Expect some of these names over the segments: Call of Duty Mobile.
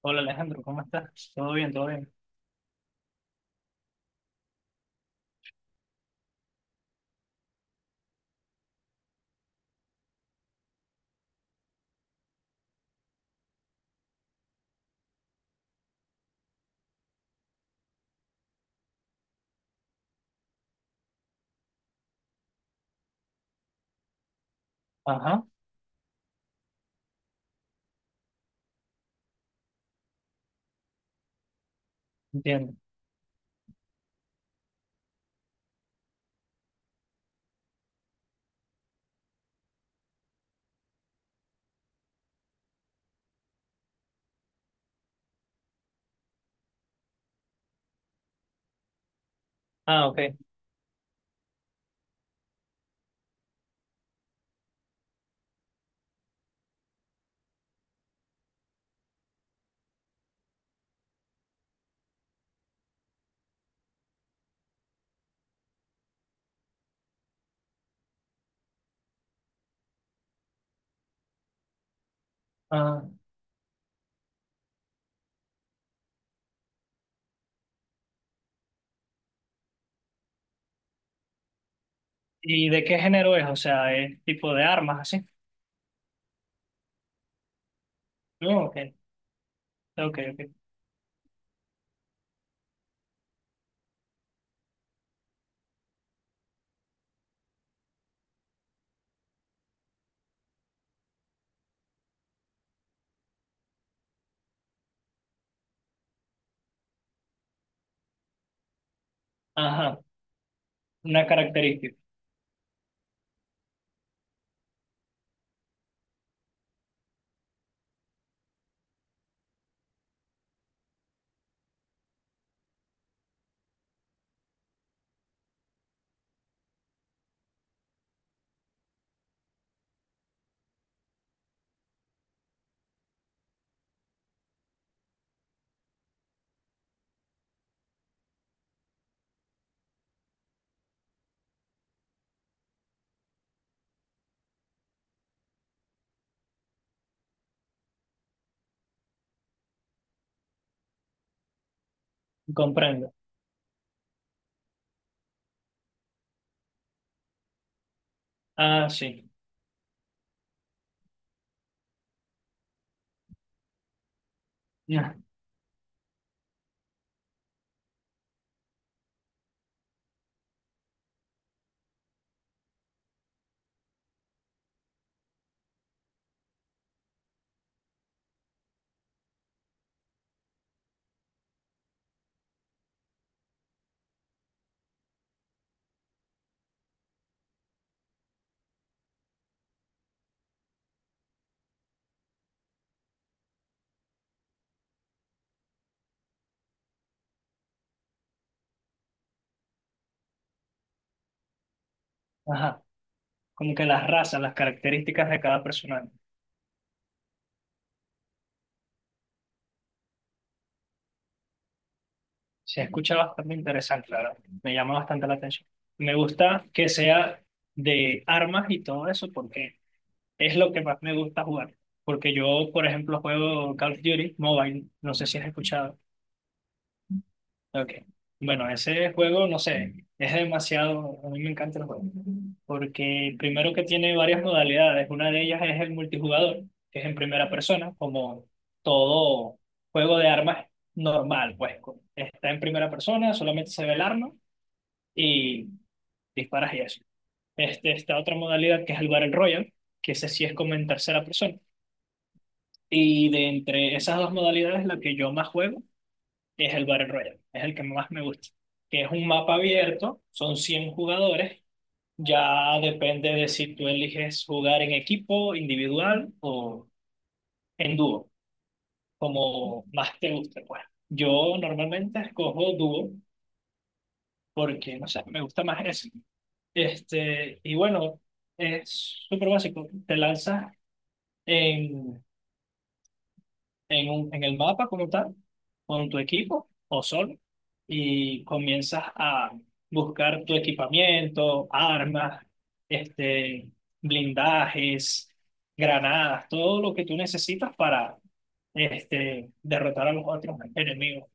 Hola Alejandro, ¿cómo estás? Todo bien, todo bien. Ajá, entiendo. Ah, ok. Ah, ¿y de qué género es? O sea, ¿es tipo de armas así? No, ok, ok, ok. Ajá, una característica, comprendo. Ah, sí. Ya. Ajá, como que las razas, las características de cada personaje. Se escucha bastante interesante, la verdad. Me llama bastante la atención. Me gusta que sea de armas y todo eso porque es lo que más me gusta jugar. Porque yo, por ejemplo, juego Call of Duty Mobile. No sé si has escuchado. Ok. Bueno, ese juego, no sé, es demasiado. A mí me encanta el juego. Porque primero que tiene varias modalidades. Una de ellas es el multijugador, que es en primera persona, como todo juego de armas normal, pues. Está en primera persona, solamente se ve el arma y disparas y eso. Esta otra modalidad que es el Battle Royale, que ese sí es como en tercera persona. Y de entre esas dos modalidades, la que yo más juego es el Battle Royale, es el que más me gusta, que es un mapa abierto, son 100 jugadores, ya depende de si tú eliges jugar en equipo, individual o en dúo, como más te guste, pues. Yo normalmente escojo dúo porque, no sé, me gusta más eso. Y bueno, es súper básico, te lanzas en en el mapa como tal, con tu equipo o solo, y comienzas a buscar tu equipamiento, armas, este, blindajes, granadas, todo lo que tú necesitas para derrotar a los otros enemigos.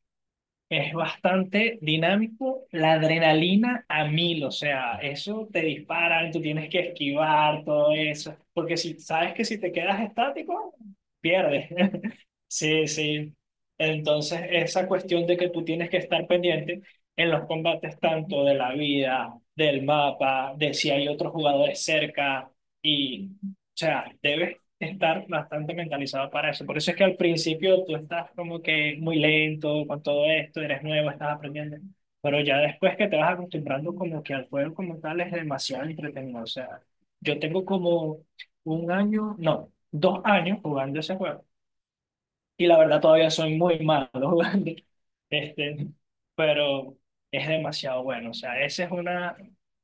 Es bastante dinámico, la adrenalina a mil, o sea, eso te disparan, tú tienes que esquivar todo eso, porque si sabes que si te quedas estático, pierdes. Sí, sí. Entonces, esa cuestión de que tú tienes que estar pendiente en los combates tanto de la vida, del mapa, de si hay otros jugadores cerca y, o sea, debes estar bastante mentalizado para eso. Por eso es que al principio tú estás como que muy lento con todo esto, eres nuevo, estás aprendiendo. Pero ya después que te vas acostumbrando como que al juego como tal es demasiado entretenido. O sea, yo tengo como un año, no, dos años jugando ese juego. Y la verdad todavía soy muy malo jugando. Este, pero es demasiado bueno. O sea,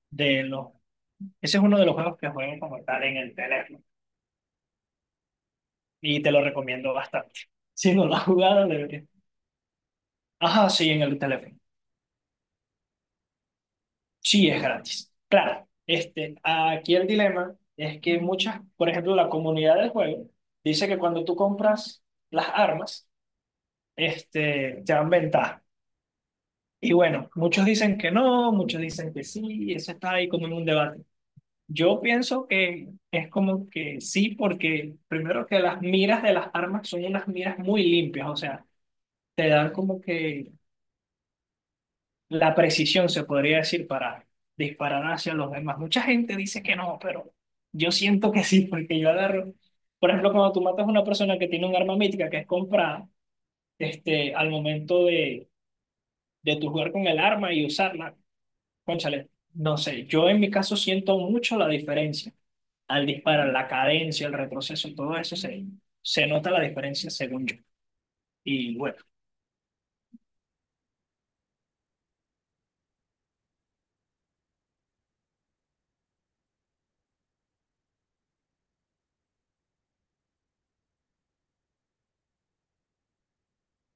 de los, ese es uno de los juegos que juego como tal en el teléfono. Y te lo recomiendo bastante. Si no lo has jugado, deberías. Ajá, sí, en el teléfono. Sí, es gratis. Claro, aquí el dilema es que muchas, por ejemplo, la comunidad del juego dice que cuando tú compras las armas, te dan ventaja. Y bueno, muchos dicen que no, muchos dicen que sí, y eso está ahí como en un debate. Yo pienso que es como que sí, porque primero que las miras de las armas son unas miras muy limpias, o sea, te dan como que la precisión, se podría decir, para disparar hacia los demás. Mucha gente dice que no, pero yo siento que sí, porque yo agarro. Por ejemplo, cuando tú matas a una persona que tiene un arma mítica que es comprada, al momento de, tu jugar con el arma y usarla, cónchale, no sé, yo en mi caso siento mucho la diferencia al disparar, la cadencia, el retroceso, todo eso se nota la diferencia según yo. Y bueno,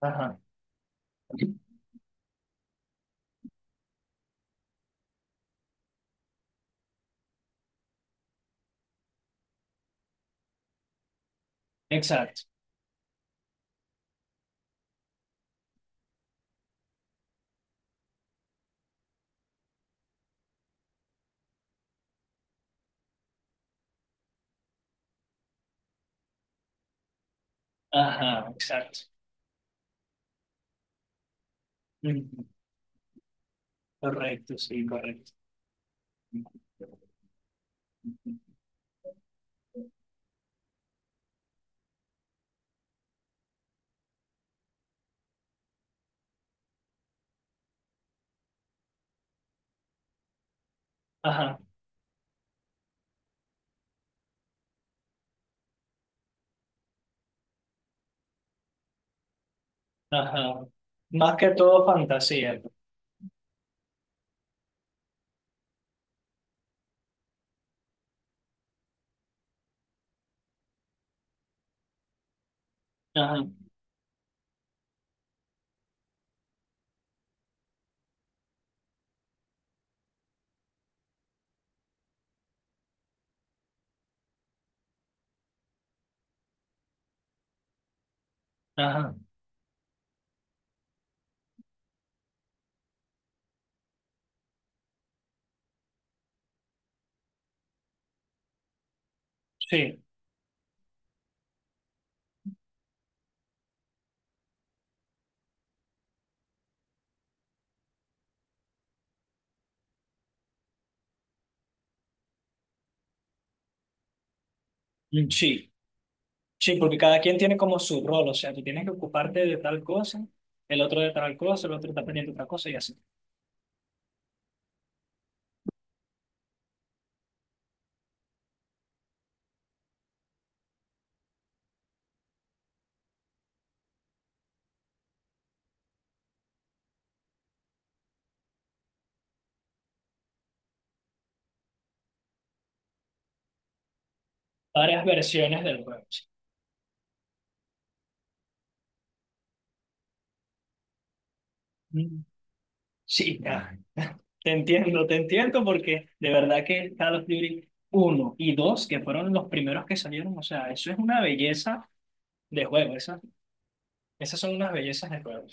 ajá, exacto, ajá, exacto. Ujú, correcto, sí, correcto. Ajá, ajá. Más que todo fantasía. Ajá, ajá. Sí, mm, sí, sí, porque cada quien tiene como su rol, o sea, tú tienes que ocuparte de tal cosa, el otro de tal cosa, el otro está pendiente de otra cosa y así. Varias versiones del juego. Sí, mm, sí, ah, te entiendo, porque de verdad que Call of Duty uno y 2 que fueron los primeros que salieron, o sea, eso es una belleza de juego, esas son unas bellezas de juego.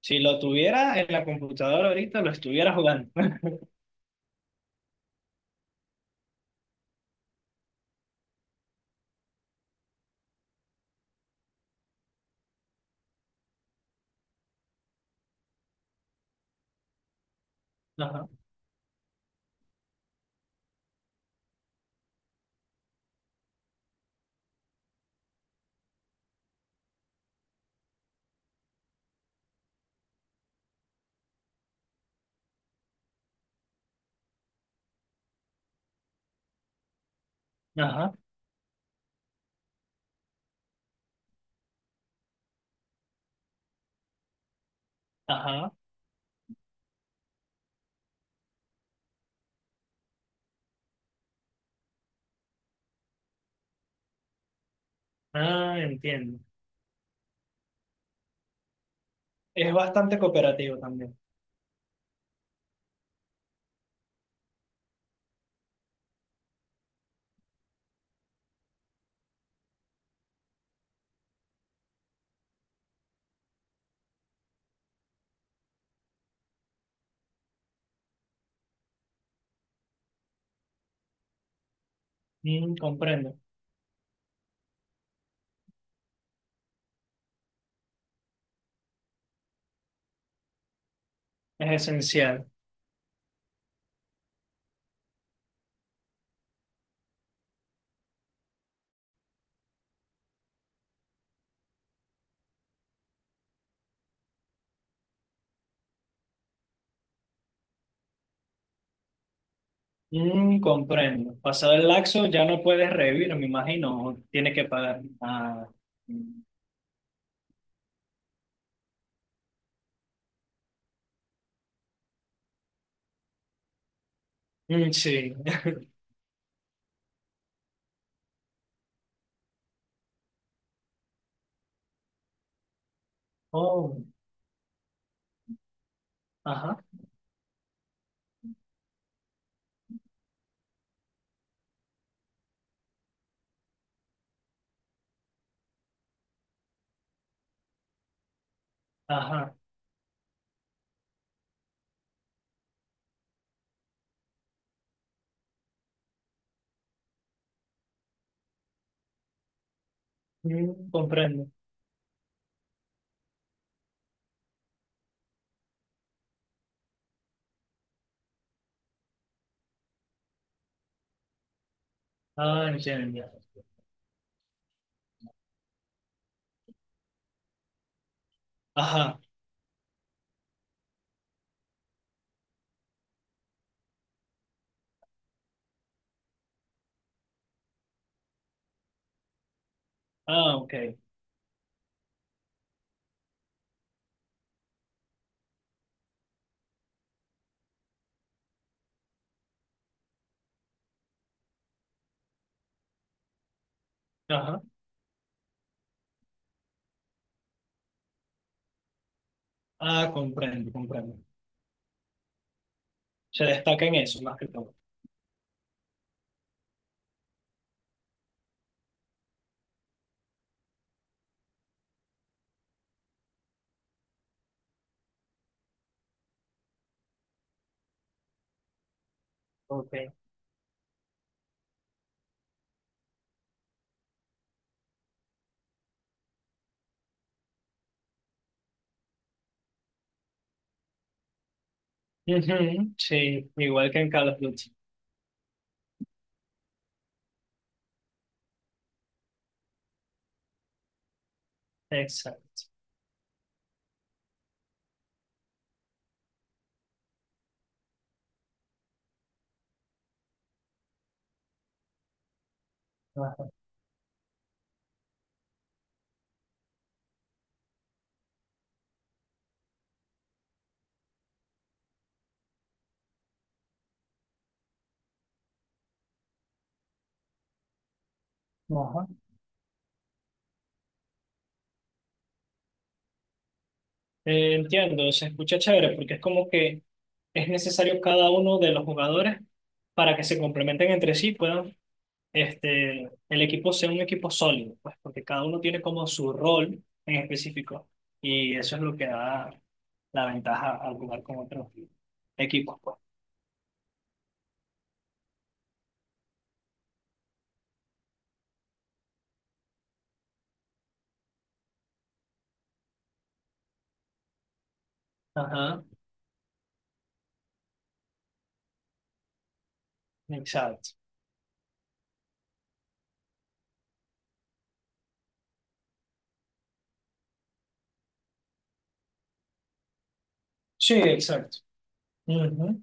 Si lo tuviera en la computadora ahorita, lo estuviera jugando. Ajá, ajá, ajá. Ah, entiendo. Es bastante cooperativo también. Mm, comprendo. Es esencial. Mm, comprendo. Pasado el laxo ya no puedes revivir, me imagino. O tienes que pagar. Ah. Mm. Mm, sí. Oh, ajá, ajá. Mm, comprendo. Ah, entiendo. Ajá. Ah, ok. Ajá, ah, comprendo, comprendo. Se destaca en eso más que todo. Ok. Ujú, sí, igual que en Call of Duty. Exacto. Ajá, ajá. Entiendo, se escucha chévere porque es como que es necesario cada uno de los jugadores para que se complementen entre sí, puedan, este, el equipo sea un equipo sólido, pues porque cada uno tiene como su rol en específico y eso es lo que da la ventaja al jugar con otros equipos, pues. Ajá, exacto. Sí, exacto. Ujú,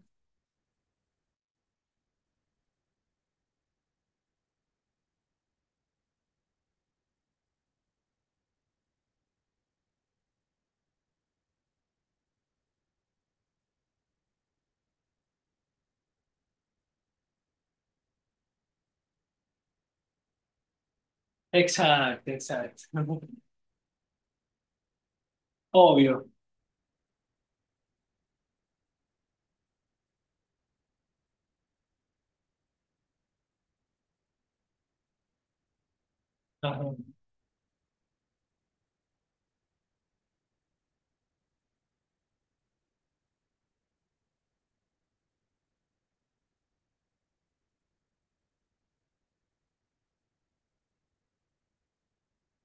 exacto, exacto. Ujú. Obvio. Ajá.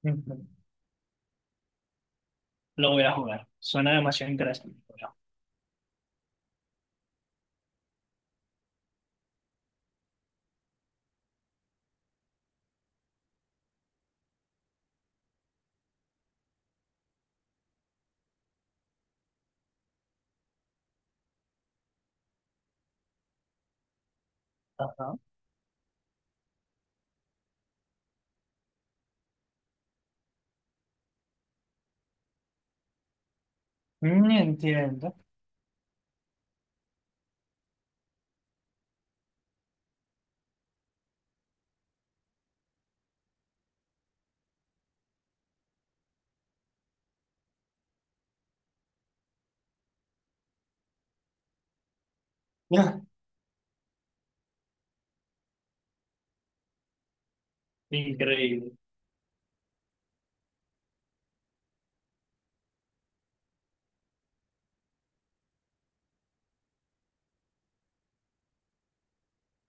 Ujú. Lo voy a jugar. Suena demasiado interesante. Bueno. Ajá. Mm, entiendo. Increíble.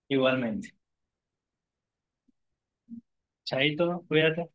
Igualmente. Chaito, cuídate.